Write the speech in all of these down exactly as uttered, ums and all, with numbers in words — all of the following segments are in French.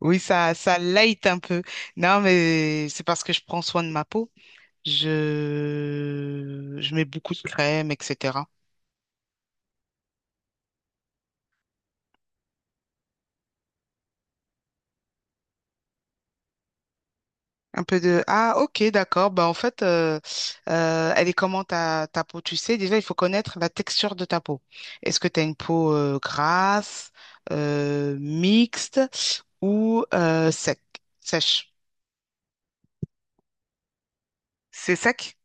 Oui, ça, ça light un peu. Non, mais c'est parce que je prends soin de ma peau. Je, je mets beaucoup de crème, et cetera. Un peu de... Ah, ok, d'accord. Bah, en fait, euh, euh, elle est comment ta, ta peau? Tu sais, déjà, il faut connaître la texture de ta peau. Est-ce que tu as une peau euh, grasse, euh, mixte ou euh, sec, sèche? C'est sec?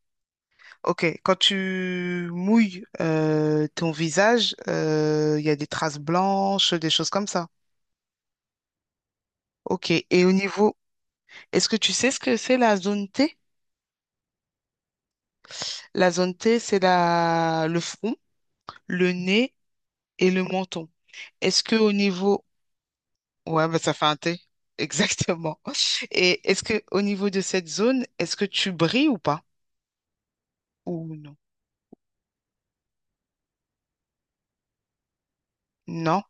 Ok, quand tu mouilles euh, ton visage, euh, il y a des traces blanches, des choses comme ça. Ok, et au niveau, est-ce que tu sais ce que c'est la zone T? La zone T, c'est la... le front, le nez et le menton. Est-ce que au niveau, ouais, bah, ça fait un T, exactement. Et est-ce que au niveau de cette zone, est-ce que tu brilles ou pas? Ou non? Non.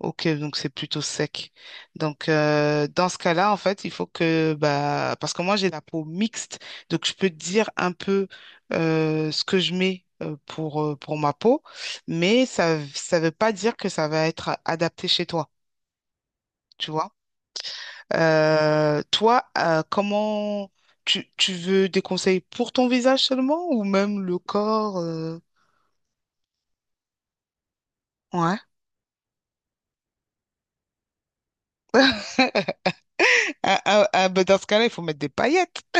Ok, donc c'est plutôt sec. Donc euh, dans ce cas-là, en fait, il faut que bah parce que moi j'ai la peau mixte, donc je peux te dire un peu euh, ce que je mets euh, pour euh, pour ma peau, mais ça ça veut pas dire que ça va être adapté chez toi, tu vois. Euh, toi, euh, comment tu tu veux des conseils pour ton visage seulement ou même le corps euh, Ouais. Ah, ah, ah, bah, dans ce cas-là, il faut mettre des paillettes.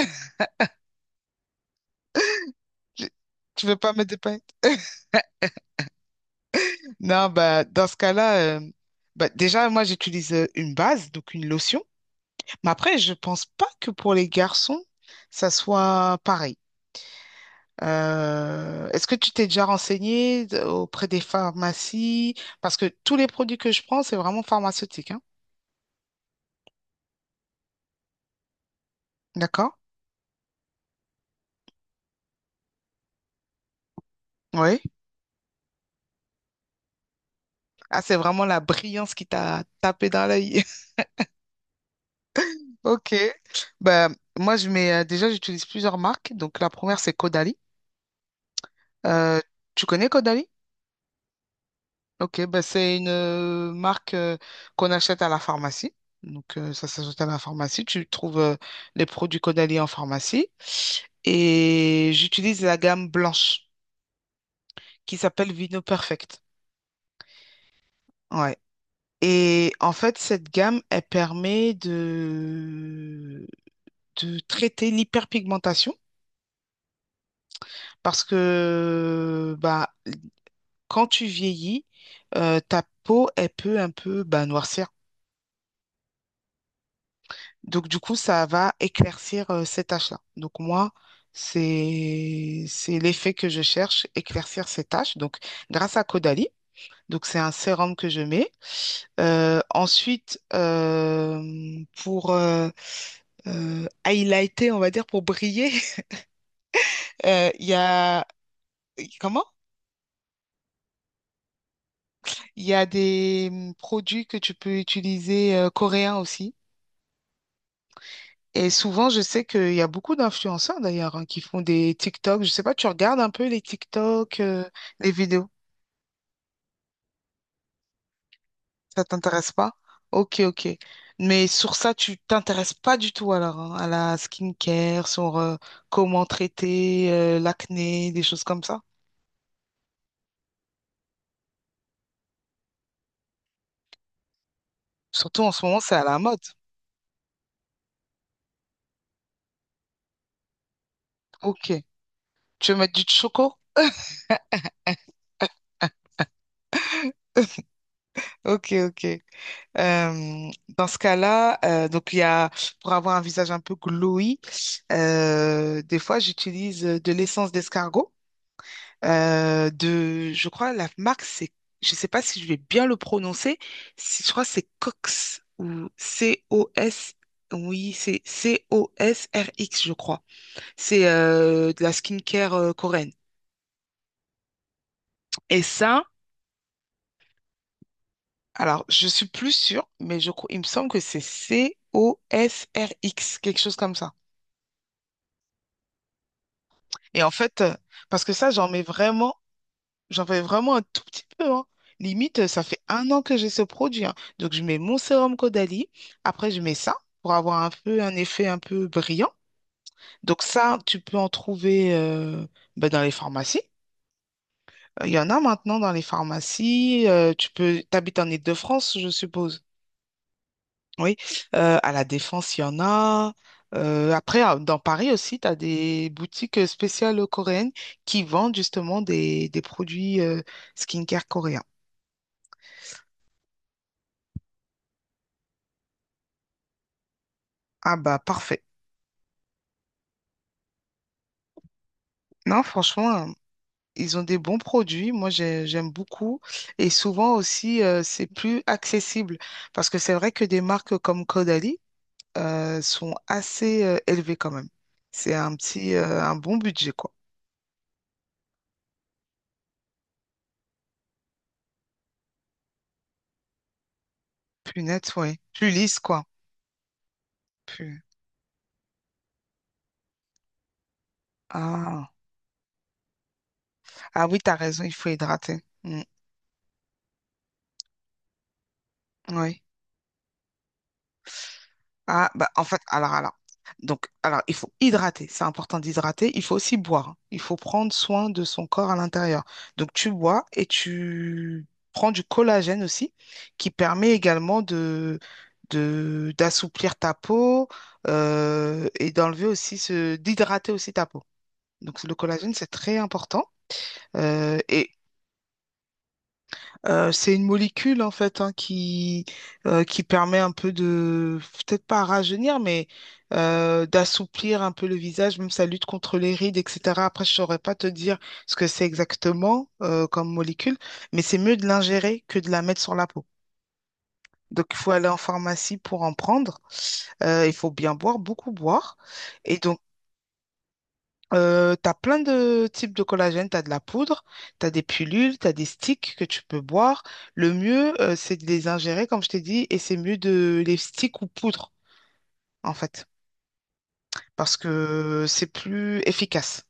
Tu tu veux pas mettre des paillettes? Non, bah, dans ce cas-là, euh, bah, déjà, moi, j'utilise euh, une base, donc une lotion. Mais après, je pense pas que pour les garçons, ça soit pareil. Euh, est-ce que tu t'es déjà renseigné d- auprès des pharmacies? Parce que tous les produits que je prends, c'est vraiment pharmaceutique, hein. D'accord? Oui. Ah, c'est vraiment la brillance qui t'a tapé dans l'œil. Ok. Bah, moi, je mets, euh, déjà, j'utilise plusieurs marques. Donc, la première, c'est Caudalie. Euh, tu connais Caudalie? Ok, ben c'est une euh, marque euh, qu'on achète à la pharmacie. Donc, euh, ça s'ajoute à la pharmacie. Tu trouves euh, les produits Caudalie en pharmacie. Et j'utilise la gamme blanche qui s'appelle Vino Perfect. Ouais. Et en fait, cette gamme, elle permet de, de traiter l'hyperpigmentation parce que bah, quand tu vieillis, euh, ta peau, elle peut un peu bah, noircir. Donc, du coup, ça va éclaircir euh, ces tâches-là. Donc, moi, c'est c'est l'effet que je cherche, éclaircir ces tâches. Donc, grâce à Caudalie, donc c'est un sérum que je mets. Euh, ensuite, euh, pour euh, euh, highlighter, on va dire, pour briller, euh, il y a... Comment? Il y a des hum, produits que tu peux utiliser euh, coréens aussi. Et souvent, je sais qu'il y a beaucoup d'influenceurs d'ailleurs hein, qui font des TikTok. Je sais pas, tu regardes un peu les TikTok, euh, les vidéos. Ça t'intéresse pas? Ok, ok. Mais sur ça, tu t'intéresses pas du tout alors hein, à la skincare, sur euh, comment traiter euh, l'acné, des choses comme ça. Surtout en ce moment, c'est à la mode. Ok. Tu veux mettre du choco? Ok, ok. Euh, dans ce cas-là, euh, donc il y a pour avoir un visage un peu glowy, euh, des fois j'utilise euh, de l'essence d'escargot. euh, de, je crois la marque c'est, je sais pas si je vais bien le prononcer, si je crois que c'est Cox ou C-O-S. Oui, c'est C-O-S-R-X, je crois. C'est euh, de la skincare euh, coréenne. Et ça, alors je suis plus sûre, mais je crois, il me semble que c'est C-O-S-R-X, quelque chose comme ça. Et en fait, euh, parce que ça, j'en mets vraiment, j'en fais vraiment un tout petit peu, hein. Limite, euh, ça fait un an que j'ai ce produit, hein. Donc, je mets mon sérum Caudalie. Après, je mets ça pour avoir un peu un effet un peu brillant. Donc, ça, tu peux en trouver euh, bah, dans les pharmacies. Euh, Il y en a maintenant dans les pharmacies. euh, tu peux, t'habites en Île-de-France, je suppose. Oui, euh, à la Défense, il y en a. Euh, après, à- dans Paris aussi, tu as des boutiques spéciales coréennes qui vendent justement des, des produits euh, skincare coréens. Ah bah parfait. Non, franchement, euh, ils ont des bons produits. Moi, j'ai- j'aime beaucoup. Et souvent aussi, euh, c'est plus accessible. Parce que c'est vrai que des marques comme Caudalie euh, sont assez euh, élevées quand même. C'est un petit, euh, un bon budget, quoi. Plus net, oui. Plus lisse, quoi. Plus... Ah. Ah oui, t'as raison, il faut hydrater. Mm, oui. Ah, bah, en fait, alors, alors. Donc, alors, il faut hydrater. C'est important d'hydrater. Il faut aussi boire. Il faut prendre soin de son corps à l'intérieur. Donc, tu bois et tu prends du collagène aussi, qui permet également de, de, d'assouplir ta peau, euh, et d'enlever aussi ce, d'hydrater aussi ta peau. Donc, le collagène, c'est très important. Euh, et, Euh, c'est une molécule en fait hein, qui, euh, qui permet un peu de, peut-être pas à rajeunir, mais euh, d'assouplir un peu le visage, même ça lutte contre les rides, et cetera. Après, je saurais pas te dire ce que c'est exactement euh, comme molécule, mais c'est mieux de l'ingérer que de la mettre sur la peau. Donc, il faut aller en pharmacie pour en prendre. Euh, il faut bien boire, beaucoup boire. Et donc, euh, t'as plein de types de collagène, t'as de la poudre, t'as des pilules, t'as des sticks que tu peux boire. Le mieux, euh, c'est de les ingérer, comme je t'ai dit, et c'est mieux de les sticks ou poudre, en fait, parce que c'est plus efficace.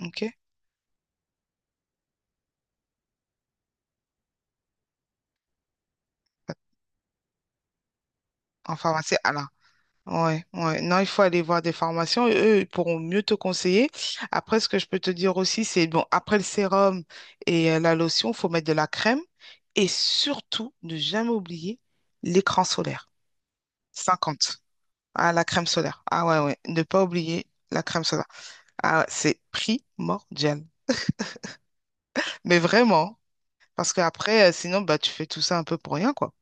OK? En pharmacie, ah là. Ouais, ouais. Non, il faut aller voir des formations et eux, ils pourront mieux te conseiller. Après, ce que je peux te dire aussi, c'est bon, après le sérum et euh, la lotion, il faut mettre de la crème et surtout ne jamais oublier l'écran solaire. Cinquante. Ah, la crème solaire. Ah ouais, ouais. Ne pas oublier la crème solaire. Ah, c'est primordial. Mais vraiment, parce qu'après, sinon, bah, tu fais tout ça un peu pour rien, quoi.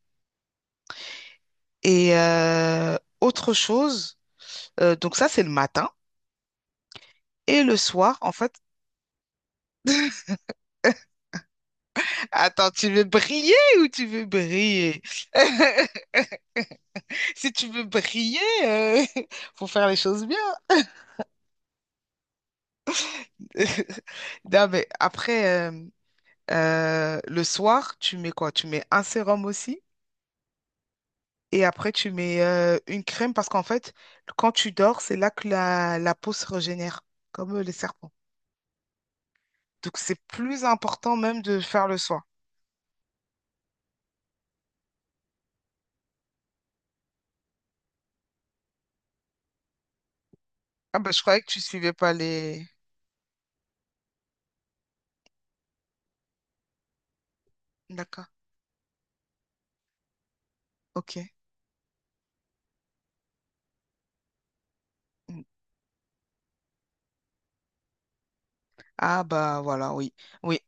Et euh, autre chose, euh, donc ça, c'est le matin. Et le soir, en fait, attends, tu veux briller ou tu veux briller? Si tu veux briller, euh, faut faire les choses bien. Non, mais après, euh, euh, le soir, tu mets quoi? Tu mets un sérum aussi. Et après, tu mets euh, une crème parce qu'en fait, quand tu dors, c'est là que la, la peau se régénère, comme euh, les serpents. Donc, c'est plus important même de faire le soin. Ah bah, je croyais que tu suivais pas les... D'accord, ok. Mm. Ah bah, voilà, oui. Oui,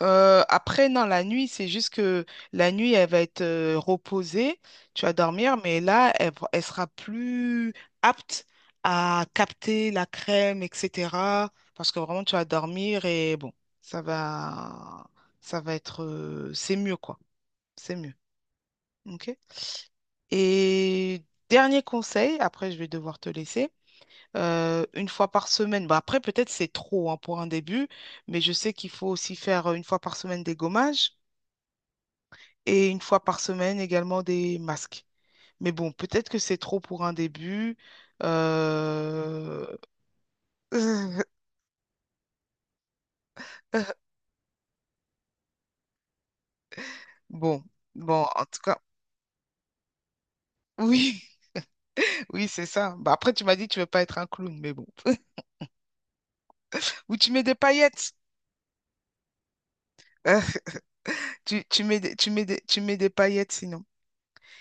Euh, après, non, la nuit, c'est juste que la nuit, elle va être euh, reposée, tu vas dormir, mais là, elle, va- elle sera plus apte à capter la crème, et cetera. Parce que vraiment, tu vas dormir et bon, ça va, ça va être, euh, c'est mieux, quoi. C'est mieux. OK? Et dernier conseil, après, je vais devoir te laisser. euh, une fois par semaine, bah après peut-être c'est trop hein, pour un début, mais je sais qu'il faut aussi faire euh, une fois par semaine des gommages. Et une fois par semaine également des masques. Mais bon, peut-être que c'est trop pour un début. Euh, Bon, bon, en tout cas, oui, oui, c'est ça. Bah, après, tu m'as dit que tu veux pas être un clown, mais bon. Ou tu mets des paillettes. Euh, tu, tu mets des, tu mets des, tu mets des paillettes sinon.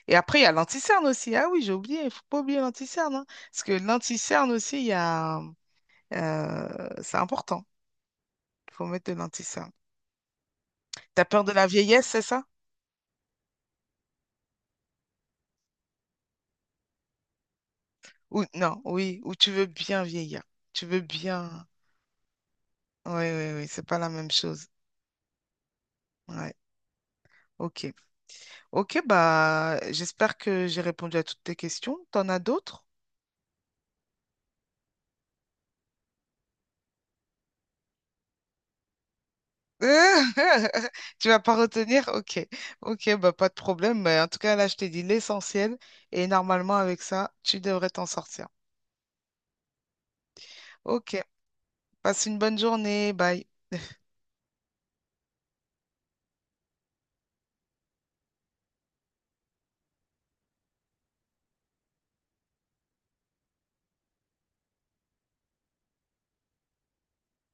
Et après, il y a l'anti-cerne aussi. Ah oui, j'ai oublié, il faut pas oublier l'anti-cerne, hein. Parce que l'anti-cerne aussi, il y a, euh, c'est important. Il faut mettre de l'anti-cerne. T'as peur de la vieillesse, c'est ça? Ou non, oui, ou tu veux bien vieillir. Tu veux bien. Oui, oui, oui, c'est pas la même chose. Ouais, ok. Ok, bah, j'espère que j'ai répondu à toutes tes questions. T'en as d'autres? Tu vas pas retenir? Ok. Ok, bah, pas de problème. Mais en tout cas, là, je t'ai dit l'essentiel. Et normalement, avec ça, tu devrais t'en sortir. Ok. Passe une bonne journée. Bye.